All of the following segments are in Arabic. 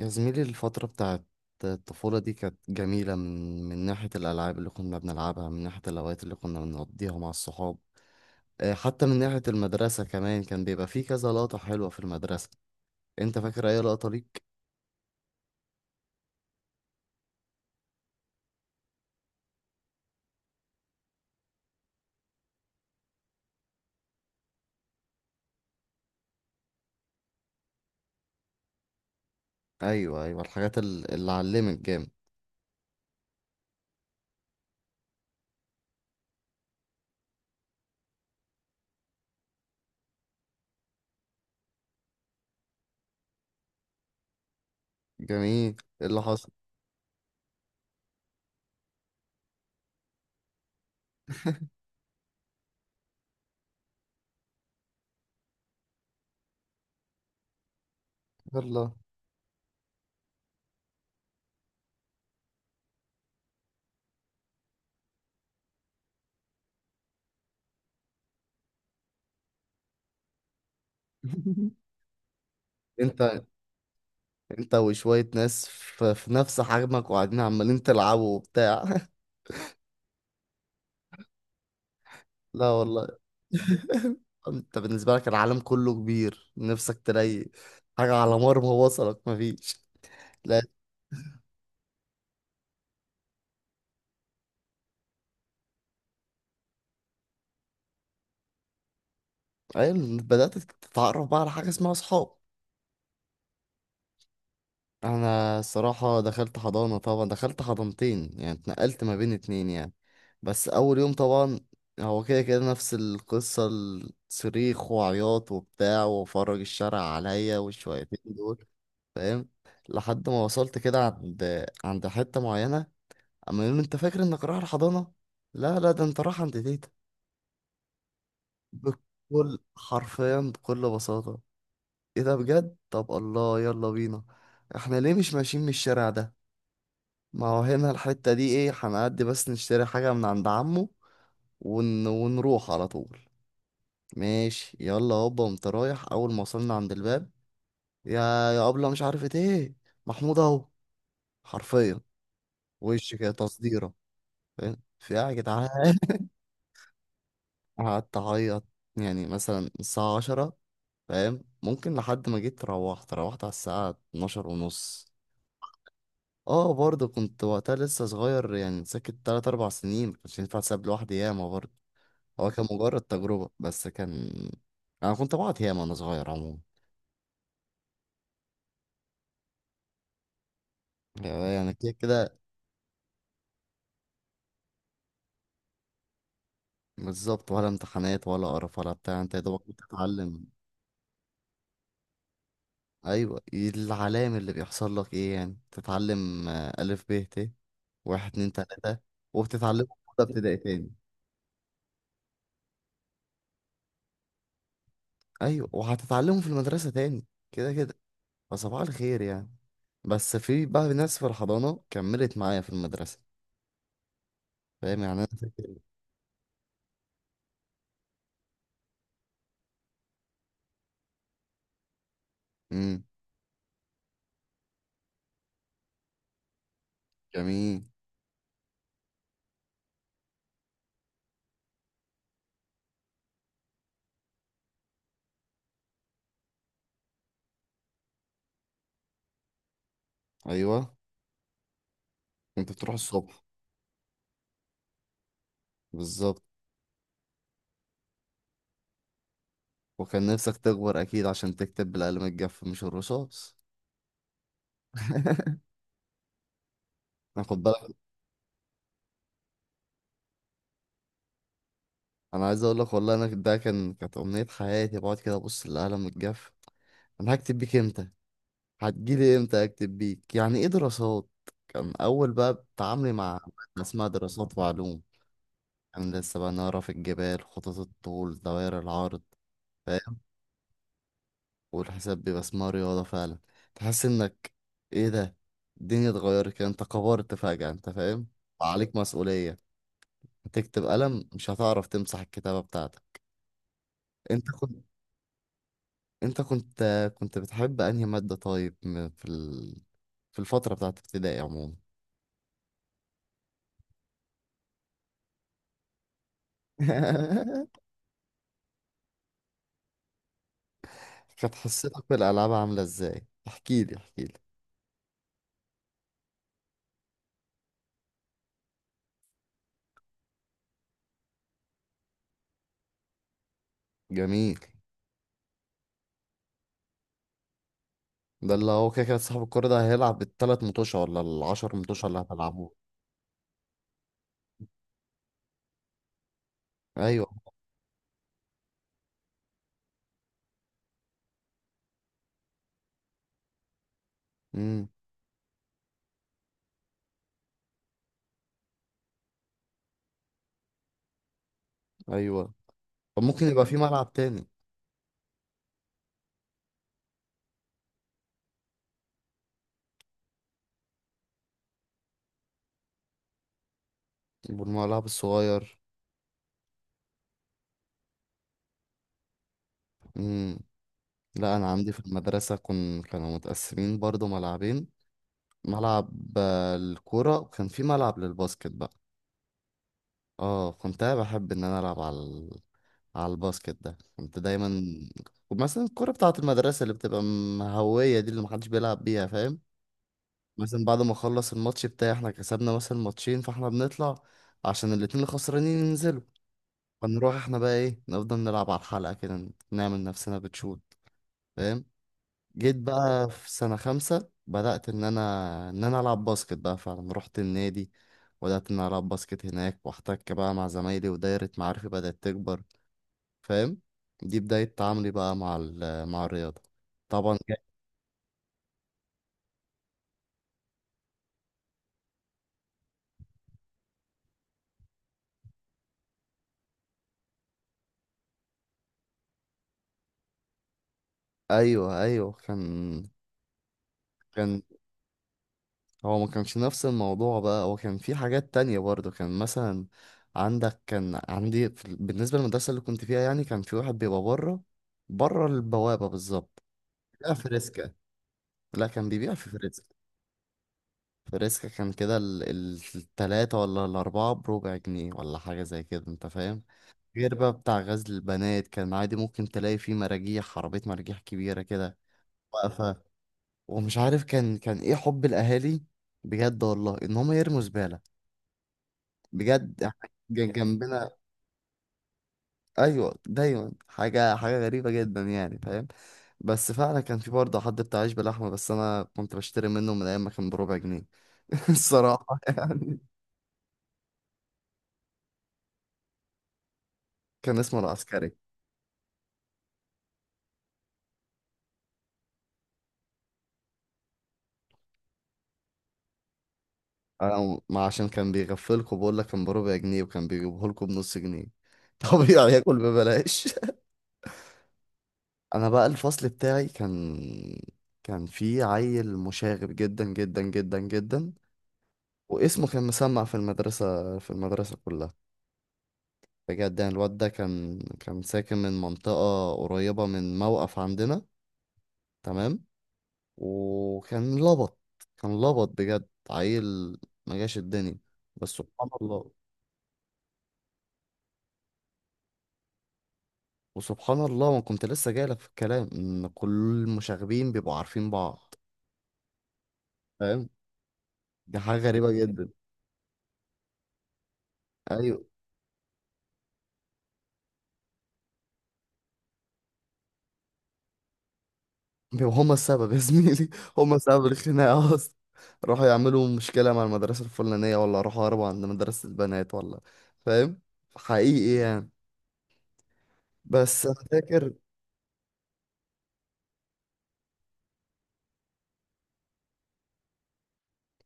يا زميلي، الفترة بتاعت الطفولة دي كانت جميلة من ناحية الألعاب اللي كنا بنلعبها، من ناحية الأوقات اللي كنا بنقضيها مع الصحاب. آه، حتى من ناحية المدرسة كمان كان بيبقى فيه كذا لقطة حلوة في المدرسة. أنت فاكر أي لقطة ليك؟ أيوه أيوه، الحاجات اللي علمت جامد. جميل، إيه اللي حصل؟ يلا. أنت أنت وشوية ناس في نفس حجمك، وقاعدين عمالين تلعبوا وبتاع. لا والله. انت بالنسبة لك العالم كله كبير، نفسك تلاقي حاجة على مرمى وصلك مفيش. لا. أيوة، بدأت تتعرف بقى على حاجة اسمها صحاب. أنا الصراحة دخلت حضانة، طبعا دخلت حضانتين يعني اتنقلت ما بين اتنين يعني. بس أول يوم طبعا هو كده كده نفس القصة، الصريخ وعياط وبتاع وفرج الشارع عليا والشويتين دول. فاهم. لحد ما وصلت كده عند حتة معينة. اما يوم انت فاكر انك رايح الحضانه، لا لا، ده انت رايح عند تيتا بكل حرفيا بكل بساطه. ايه ده بجد؟ طب الله يلا بينا. احنا ليه مش ماشيين من الشارع ده؟ ما هو هنا الحته دي ايه، هنعدي بس نشتري حاجه من عند عمه ونروح على طول. ماشي يلا هوبا، قمت رايح. اول ما وصلنا عند الباب، يا، يا ابله مش عارفه ايه، محمود اهو، حرفيا، وش كده تصديره. فاهم؟ في إيه يا جدعان. قعدت اعيط، يعني مثلا الساعة عشرة، فاهم ممكن لحد ما جيت، روحت على الساعة 12 ونص. اه برضه كنت وقتها لسه صغير يعني، ساكت تلات أربع سنين، مكانش ينفع تساب لوحدي ياما برضه. هو كان مجرد تجربة بس كان، أنا كنت بقعد ياما وأنا صغير عموما. يعني كده كده. بالظبط، ولا امتحانات ولا قرف ولا بتاع، انت يا دوبك بتتعلم. ايوه، العلام اللي بيحصل لك ايه يعني؟ تتعلم آه، الف ب ت، واحد اتنين تلاتة، وبتتعلمه في أولى ابتدائي تاني. ايوه وهتتعلمه في المدرسة تاني. كده كده. فصباح الخير يعني. بس في بقى ناس في الحضانة كملت معايا في المدرسة. فاهم يعني أنا. امم. جميل. أيوه كنت بتروح الصبح. بالظبط. وكان نفسك تكبر أكيد عشان تكتب بالقلم الجاف مش الرصاص. أنا خد بالك. أنا عايز أقول لك والله، أنا ده كان كانت أمنية حياتي، بقعد كده أبص للقلم الجاف. أنا هكتب بيك إمتى؟ هتجيلي إمتى أكتب بيك؟ يعني إيه دراسات؟ كان أول بقى تعاملي مع مادة اسمها دراسات وعلوم. كان لسه بقى نعرف الجبال، خطوط الطول، دوائر العرض. فاهم. والحساب بيبقى اسمها رياضة فعلا. تحس انك، ايه ده، الدنيا اتغيرت كده. انت كبرت فجأة انت فاهم. عليك مسؤولية، هتكتب قلم مش هتعرف تمسح الكتابة بتاعتك. انت كنت انت كنت كنت بتحب انهي مادة طيب، في في الفترة بتاعت ابتدائي عموما. كانت حصتك بالألعاب عاملة ازاي؟ احكيلي احكيلي. جميل. ده اللي هو كده كده، صاحب الكورة ده هيلعب التلات متوشة ولا العشر متوشة اللي هتلعبوه. ايوه. امم. ايوه. طب ممكن يبقى في ملعب تاني؟ والملعب الصغير؟ امم. لا انا عندي في المدرسة كانوا متقسمين برضو ملعبين. ملعب آه، الكورة، وكان في ملعب للباسكت بقى. اه كنت أنا بحب ان انا العب على على الباسكت ده، كنت دايما مثلا الكورة بتاعة المدرسة اللي بتبقى مهوية دي، اللي محدش بيلعب بيها فاهم. مثلا بعد ما اخلص الماتش بتاعي، احنا كسبنا مثلا ماتشين، فاحنا بنطلع عشان الاتنين الخسرانين ينزلوا. فنروح احنا بقى ايه، نفضل نلعب على الحلقة كده، نعمل نفسنا بتشوت. فاهم. جيت بقى في سنة خمسة بدأت ان انا العب باسكت بقى فعلا، رحت النادي وبدأت ان انا العب باسكت هناك، واحتك بقى مع زمايلي، ودايرة معارفي بدأت تكبر. فاهم. دي بداية تعاملي بقى مع مع الرياضة طبعا. ايوه ايوه، كان هو ما كانش نفس الموضوع بقى، هو كان في حاجات تانية برضه، كان مثلا عندك، كان عندي في بالنسبة للمدرسة اللي كنت فيها يعني، كان في واحد بيبقى بره، بره البوابة بالظبط. لا فريسكا، لا كان بيبيع في فريسكا. فريسكا كان كده التلاتة ولا الأربعة بربع جنيه ولا حاجة زي كده، أنت فاهم. غير بقى بتاع غزل البنات، كان عادي ممكن تلاقي فيه مراجيح عربية، مراجيح كبيرة كده واقفة. ومش عارف كان إيه حب الأهالي بجد والله، إن هما يرموا زبالة بجد حاجة جنبنا. ايوه دايما حاجه حاجه غريبه جدا يعني، فاهم. بس فعلا كان في برضه حد بتاع عيش بلحمه، بس انا كنت بشتري منه من ايام ما كان بربع جنيه. الصراحه يعني. كان اسمه العسكري. انا ما عشان كان بيغفلكوا، بقول لك كان بربع جنيه وكان بيجيبه لكم بنص جنيه. طبيعي ياكل ببلاش. انا بقى الفصل بتاعي كان، كان في عيل مشاغب جدا جدا جدا جدا، واسمه كان مسمع في المدرسه، في المدرسه كلها بجد. يعني الواد ده كان ساكن من منطقة قريبة من موقف عندنا. تمام. وكان لبط، كان لبط بجد عيل ما جاش الدنيا، بس سبحان الله. وسبحان الله ما كنت لسه جايلك في الكلام ان كل المشاغبين بيبقوا عارفين بعض. فاهم. دي حاجة غريبة جدا. ايوه بيبقوا هما السبب يا زميلي. هما سبب الخناقة اصلا، راحوا يعملوا مشكلة مع المدرسة الفلانية، ولا راحوا هربوا عند مدرسة البنات، ولا. فاهم. حقيقي يعني. بس انا فاكر.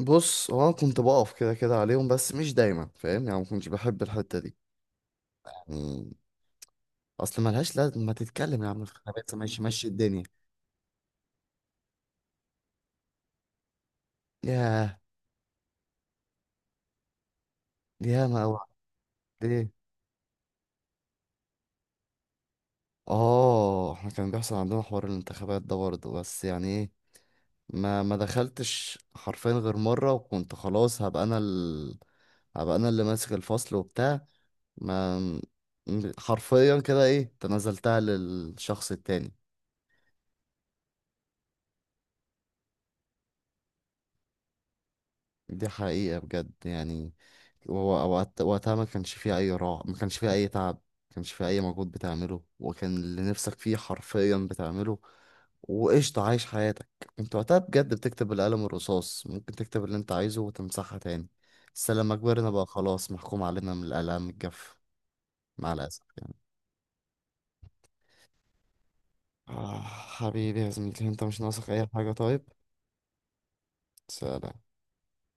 بص هو انا كنت بقف كده كده عليهم بس مش دايما فاهم، يعني ما كنتش بحب الحته دي يعني. اصل ملهاش لازم، ما تتكلم يا عم في الخباثه، ماشي مشي الدنيا. ياه. ياه ما اوعى. ليه؟ اه احنا كان بيحصل عندنا حوار الانتخابات ده برضه بس، يعني ايه، ما ما دخلتش حرفيا غير مره، وكنت خلاص هبقى انا هبقى انا اللي ماسك الفصل وبتاع. ما م- حرفيا كده ايه، تنازلتها للشخص التاني. دي حقيقة بجد يعني. هو وقتها ما كانش فيه أي راحة، ما كانش فيه أي تعب، ما كانش فيه أي مجهود بتعمله، وكان اللي نفسك فيه حرفيا بتعمله، وقشطة عايش حياتك. كنت وقتها بجد بتكتب القلم الرصاص، ممكن تكتب اللي أنت عايزه وتمسحها تاني. بس لما كبرنا بقى، خلاص محكوم علينا من الآلام الجاف. مع الأسف يعني. آه حبيبي يا زميلي، أنت مش ناقصك أي حاجة طيب. سلام.